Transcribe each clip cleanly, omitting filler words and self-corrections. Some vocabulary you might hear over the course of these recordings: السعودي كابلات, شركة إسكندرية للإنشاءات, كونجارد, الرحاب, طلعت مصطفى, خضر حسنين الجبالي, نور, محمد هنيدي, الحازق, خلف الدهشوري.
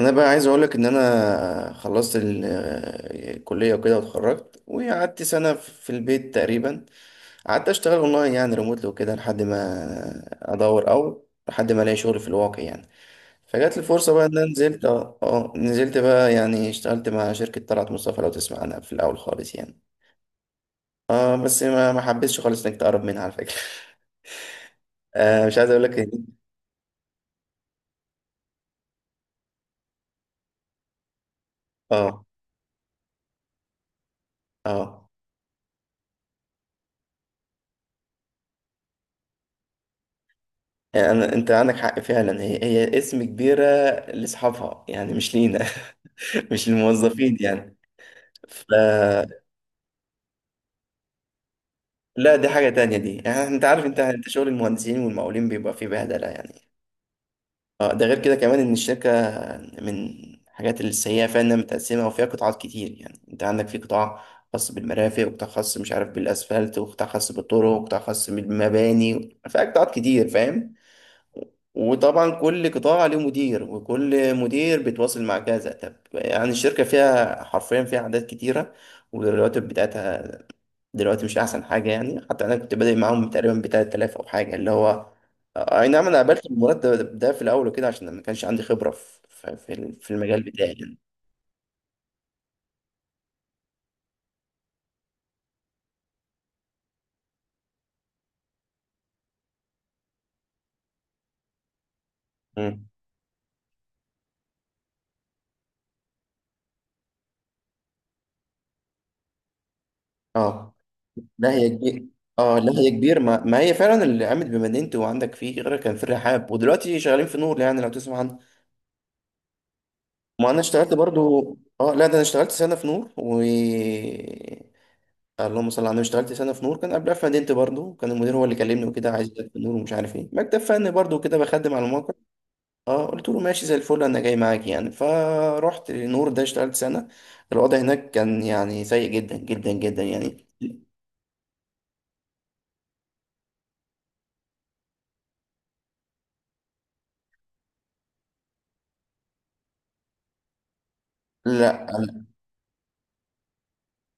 انا بقى عايز اقولك ان انا خلصت الكليه وكده، واتخرجت وقعدت سنه في البيت تقريبا. قعدت اشتغل اونلاين يعني ريموتلي وكده لحد ما ادور، او لحد ما الاقي شغل في الواقع يعني. فجات لي فرصه بقى ان انا نزلت نزلت بقى، يعني اشتغلت مع شركه طلعت مصطفى، لو تسمع عنها في الاول خالص يعني. اه، بس ما حبيتش خالص انك تقرب منها على فكره مش عايز اقولك إن- اه اه يعني أنا، أنت عندك حق فعلا، هي هي اسم كبيرة لأصحابها يعني، مش لينا مش للموظفين يعني. ف لا، دي حاجة تانية دي، يعني أنت عارف، أنت شغل المهندسين والمقاولين بيبقى فيه بهدلة يعني. أه، ده غير كده كمان إن الشركة من الحاجات السيئة فيها إنها متقسمة وفيها قطاعات كتير، يعني أنت عندك في قطاع خاص بالمرافق، وقطاع خاص مش عارف بالأسفلت، وقطاع خاص بالطرق، وقطاع خاص بالمباني، فيها قطاعات كتير فاهم. وطبعا كل قطاع له مدير، وكل مدير بيتواصل مع كذا. طب يعني الشركة فيها حرفيا فيها أعداد كتيرة، والرواتب بتاعتها دلوقتي مش أحسن حاجة يعني. حتى أنا كنت بادئ معاهم تقريبا ب 3000 أو حاجة، اللي هو أي نعم أنا قابلت المرتب ده في الأول وكده عشان ما كانش عندي خبرة في المجال بتاعي يعني. مم. اه لا هي كبير. اه لا هي كبير، ما هي فعلا اللي قامت بمدينتي، وعندك فيه غيرها، كان في الرحاب، ودلوقتي شغالين في نور، يعني لو تسمع عنه. ما انا اشتغلت برضو. اه لا، ده انا اشتغلت سنه في نور، و اللهم صل على النبي اشتغلت سنه في نور، كان قبلها في مدينتي برضو، كان المدير هو اللي كلمني وكده عايز يبدأ في نور، ومش عارف ايه مكتب فني برضو كده بخدم على الموقع. اه قلت له ماشي زي الفل انا جاي معاك يعني، فروحت نور ده اشتغلت سنه. الوضع هناك كان يعني سيء جدا جدا جدا يعني. لا.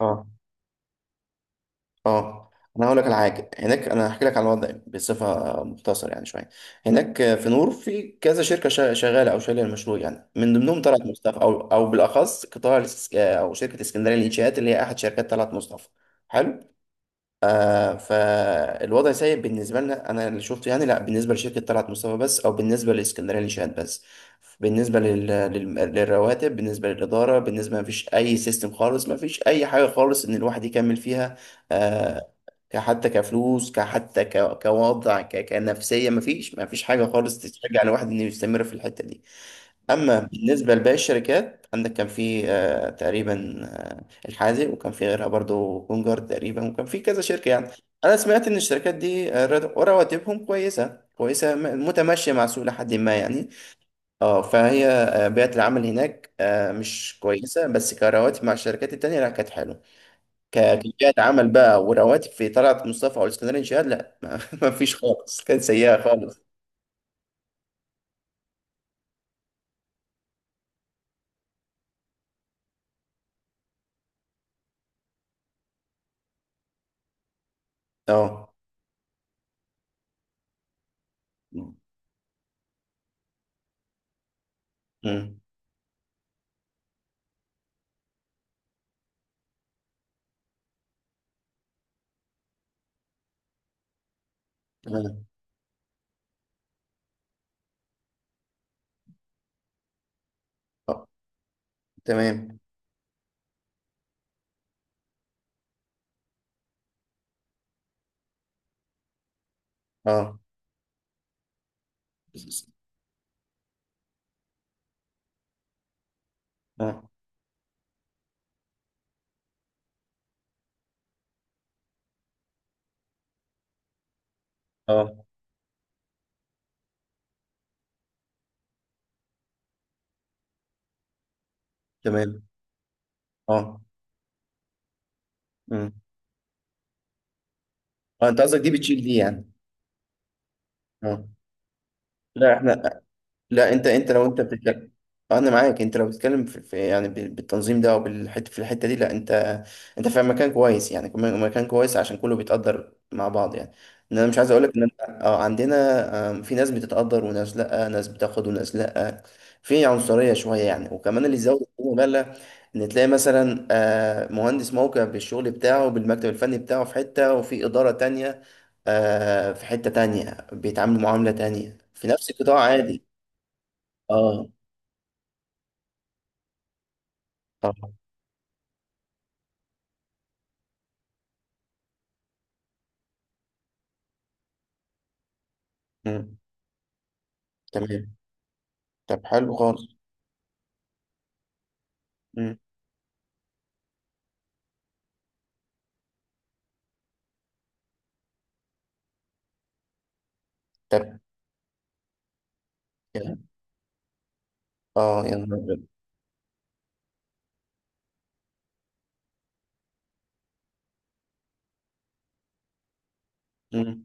اه اه انا هقول لك على حاجه، هناك انا هحكي لك على الوضع بصفه مختصر يعني شويه. هناك في نور في كذا شركه شغاله او شايله المشروع يعني، من ضمنهم طلعت مصطفى، او بالاخص قطاع او شركه اسكندريه للانشاءات، اللي هي احد شركات طلعت مصطفى. حلو. آه، فالوضع سيء بالنسبة لنا، أنا اللي شفته يعني، لا بالنسبة لشركة طلعت مصطفى بس، أو بالنسبة لإسكندرية للشهاد بس. بالنسبة للرواتب، بالنسبة للإدارة، بالنسبة ما فيش أي سيستم خالص، ما فيش أي حاجة خالص إن الواحد يكمل فيها. آه، كحتى كفلوس، كحتى كوضع، كنفسية، ما فيش حاجة خالص تشجع الواحد إنه يستمر في الحتة دي. اما بالنسبه لباقي الشركات، عندك كان في تقريبا الحازق، وكان في غيرها برضو كونجارد تقريبا، وكان في كذا شركه يعني. انا سمعت ان الشركات دي، رواتبهم كويسه، كويسه متماشيه مع السوق لحد ما يعني. اه، فهي بيئه العمل هناك مش كويسه، بس كرواتب مع الشركات التانيه لا كانت حلوه. كبيئه عمل بقى ورواتب في طلعت مصطفى او الاسكندريه شهاد لا مفيش خالص، كانت سيئه خالص. اه. مم. تمام. آه، تمام. اه. اه. اه. تمام. اه. امم. اه، انت قصدك دي بتشيل دي يعني. اه. لا احنا. لا، انت لو انت بتتكلم، انا معاك. انت لو بتتكلم يعني بالتنظيم ده، او بالحته في الحته دي، لا انت في مكان كويس يعني، كمان مكان كويس عشان كله بيتقدر مع بعض يعني. ان انا مش عايز اقول لك ان انا عندنا في ناس بتتقدر وناس لا، ناس بتاخد وناس لا. في عنصريه شويه يعني، وكمان اللي زود مبالغ ان تلاقي مثلا مهندس موقع بالشغل بتاعه بالمكتب الفني بتاعه في حته، وفي اداره تانية في حته تانية بيتعاملوا معامله تانية في نفس القطاع عادي. اه طبعا. مم. تمام. طب حلو خالص. مم. طب يا- اه يا نهار أبيض. مم.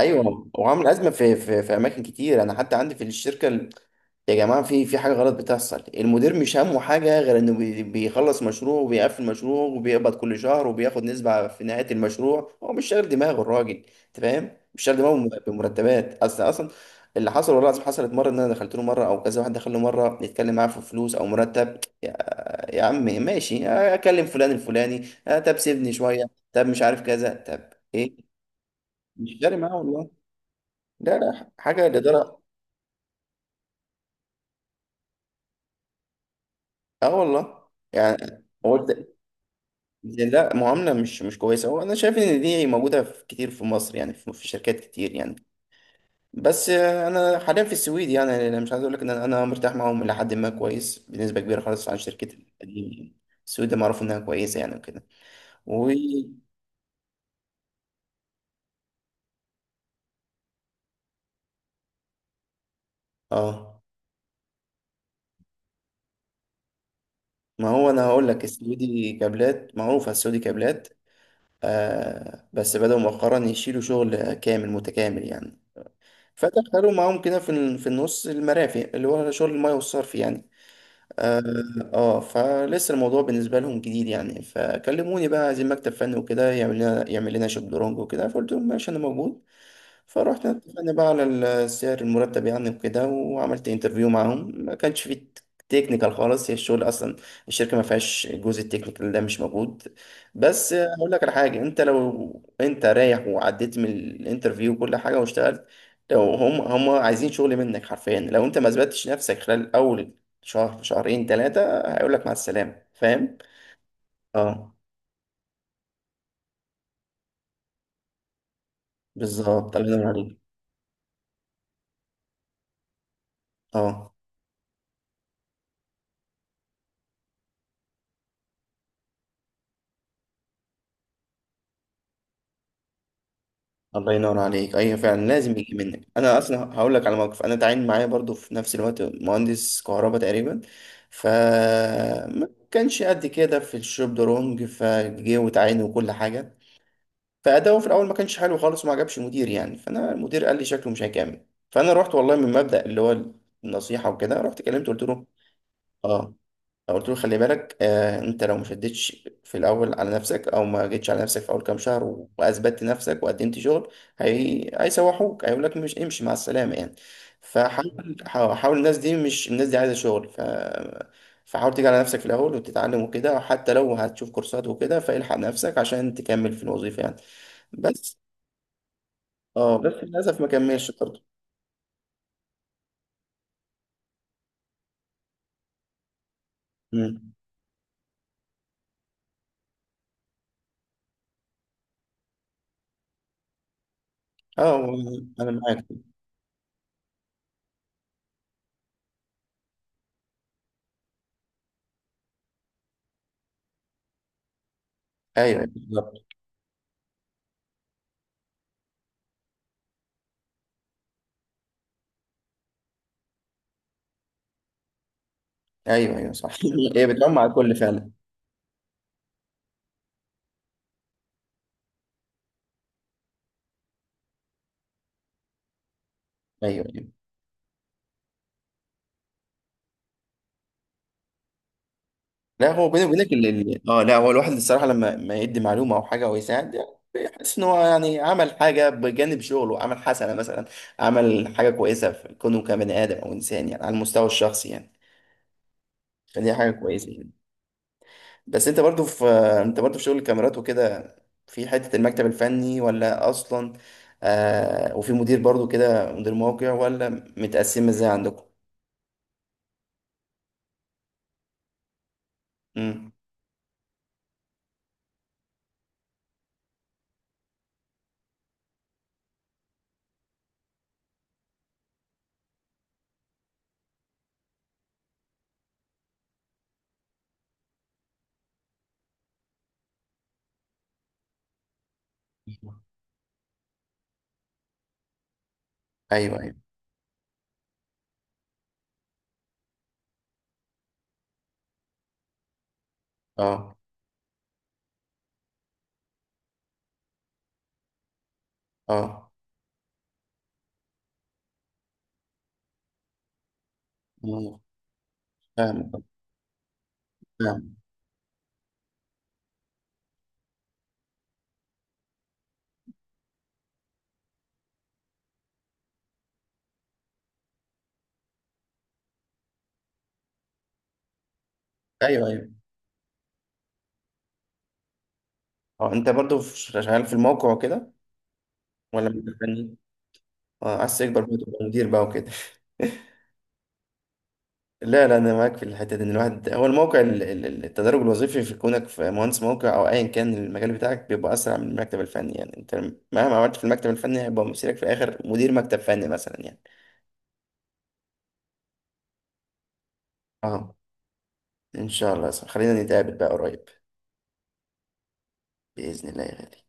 ايوه وعامل ازمه في اماكن كتير، انا حتى عندي في الشركه يا جماعه في حاجه غلط بتحصل، المدير مش همه حاجه غير انه بيخلص مشروع وبيقفل مشروع وبيقبض كل شهر وبياخد نسبه في نهايه المشروع، هو مش شاغل دماغه الراجل، انت فاهم؟ مش شاغل دماغه بمرتبات اصلا. اللي حصل والله العظيم حصلت مره ان انا دخلت له مره، او كذا واحد دخل له مره يتكلم معاه في فلوس او مرتب. يا عمي ماشي اكلم فلان الفلاني، آه، طب سيبني شويه، طب مش عارف كذا، طب ايه. مش فارق معاه والله. لا لا حاجه الاداره. اه والله. يعني هو لا معامله مش كويسه، هو انا شايف ان دي موجوده في كتير في مصر يعني، في شركات كتير يعني. بس انا حاليا في السويد يعني، انا مش عايز اقول لك ان أنا مرتاح معاهم الى حد ما كويس بنسبه كبيره خالص عن شركتي القديمه يعني. السويد معروف انها كويسه يعني وكده. و اه ما هو انا هقول لك السعودي كابلات معروفه، السعودي كابلات. آه بس بدأوا مؤخرا يشيلوا شغل كامل متكامل يعني. فدخلوا معاهم كده في في النص المرافق اللي هو شغل الميه والصرف يعني. اه. فلسه الموضوع بالنسبه لهم جديد يعني، فكلموني بقى عايزين مكتب فني وكده، يعمل لنا يعمل لنا شطرنج وكده، فقلت لهم ماشي انا موجود. فروحنا اتفقنا بقى على السعر المرتب يعني وكده، وعملت انترفيو معاهم ما كانش فيه تكنيكال خالص، هي الشغل اصلا الشركه ما فيهاش، الجزء التكنيكال ده مش موجود. بس هقول لك على حاجه، انت لو انت رايح وعديت من الانترفيو وكل حاجه واشتغلت، لو هم عايزين شغل منك حرفيا، لو انت ما اثبتتش نفسك خلال اول شهر شهرين ثلاثة هيقول لك مع السلامة فاهم؟ اه بالظبط الله ينور عليك. اه الله ينور عليك ايوه فعلا، لازم يجي منك. انا اصلا هقول لك على موقف، انا تعين معايا برضو في نفس الوقت مهندس كهرباء تقريبا. ف ما كانش قد كده في الشوب درونج، فجه وتعين وكل حاجه، فاداؤه في الاول ما كانش حلو خالص وما عجبش المدير يعني، فانا المدير قال لي شكله مش هيكمل. فانا رحت والله من مبدأ اللي هو النصيحه وكده، رحت كلمته قلت له، اه قلت له خلي بالك آه انت لو ما شدتش في الاول على نفسك او ما جيتش على نفسك في اول كام شهر واثبتت نفسك وقدمت شغل، هي... هيسوحوك هيقول لك مش امشي مع السلامه يعني. فحاول حاول، الناس دي مش، الناس دي عايزه شغل. فحاول تيجي على نفسك في الاول وتتعلم وكده، حتى لو هتشوف كورسات وكده، فالحق نفسك عشان تكمل في الوظيفه يعني. بس اه بس للاسف ما كملش برضه. مم. اه انا معاك. ايوه بالظبط. ايوه ايوه صح هي بتعم على الكل فعلا. ايوه أيوه. لا هو بيني وبينك لا هو الواحد الصراحه لما ما يدي معلومه او حاجه او يساعد يعني، بيحس ان هو يعني عمل حاجه بجانب شغله، عمل حسنه مثلا، عمل حاجه كويسه في كونه كبني ادم او انسان يعني على المستوى الشخصي يعني. فدي حاجه كويسه يعني. بس انت برضو في، انت برضو في شغل الكاميرات وكده، في حته المكتب الفني ولا اصلا، آه وفي مدير برضو كده مدير موقع ولا متقسم ازاي عندكم؟ امم. ايوه ايوه. اه اه. مم. فاهم. فاهم. ايوه ايوه. اه انت برضو في- شغال في الموقع وكده، ولا مدير فني؟ اه عايز تكبر بقى تبقى مدير بقى وكده لا لا، انا معاك في الحته دي، ان الواحد هو الموقع التدرج الوظيفي في كونك في مهندس موقع او ايا كان المجال بتاعك بيبقى اسرع من المكتب الفني يعني، انت مهما عملت في المكتب الفني هيبقى مصيرك في الاخر مدير مكتب فني مثلا يعني. اه. ان شاء الله يا صاحبي. خلينا نتقابل بقى قريب. باذن الله يا غالي.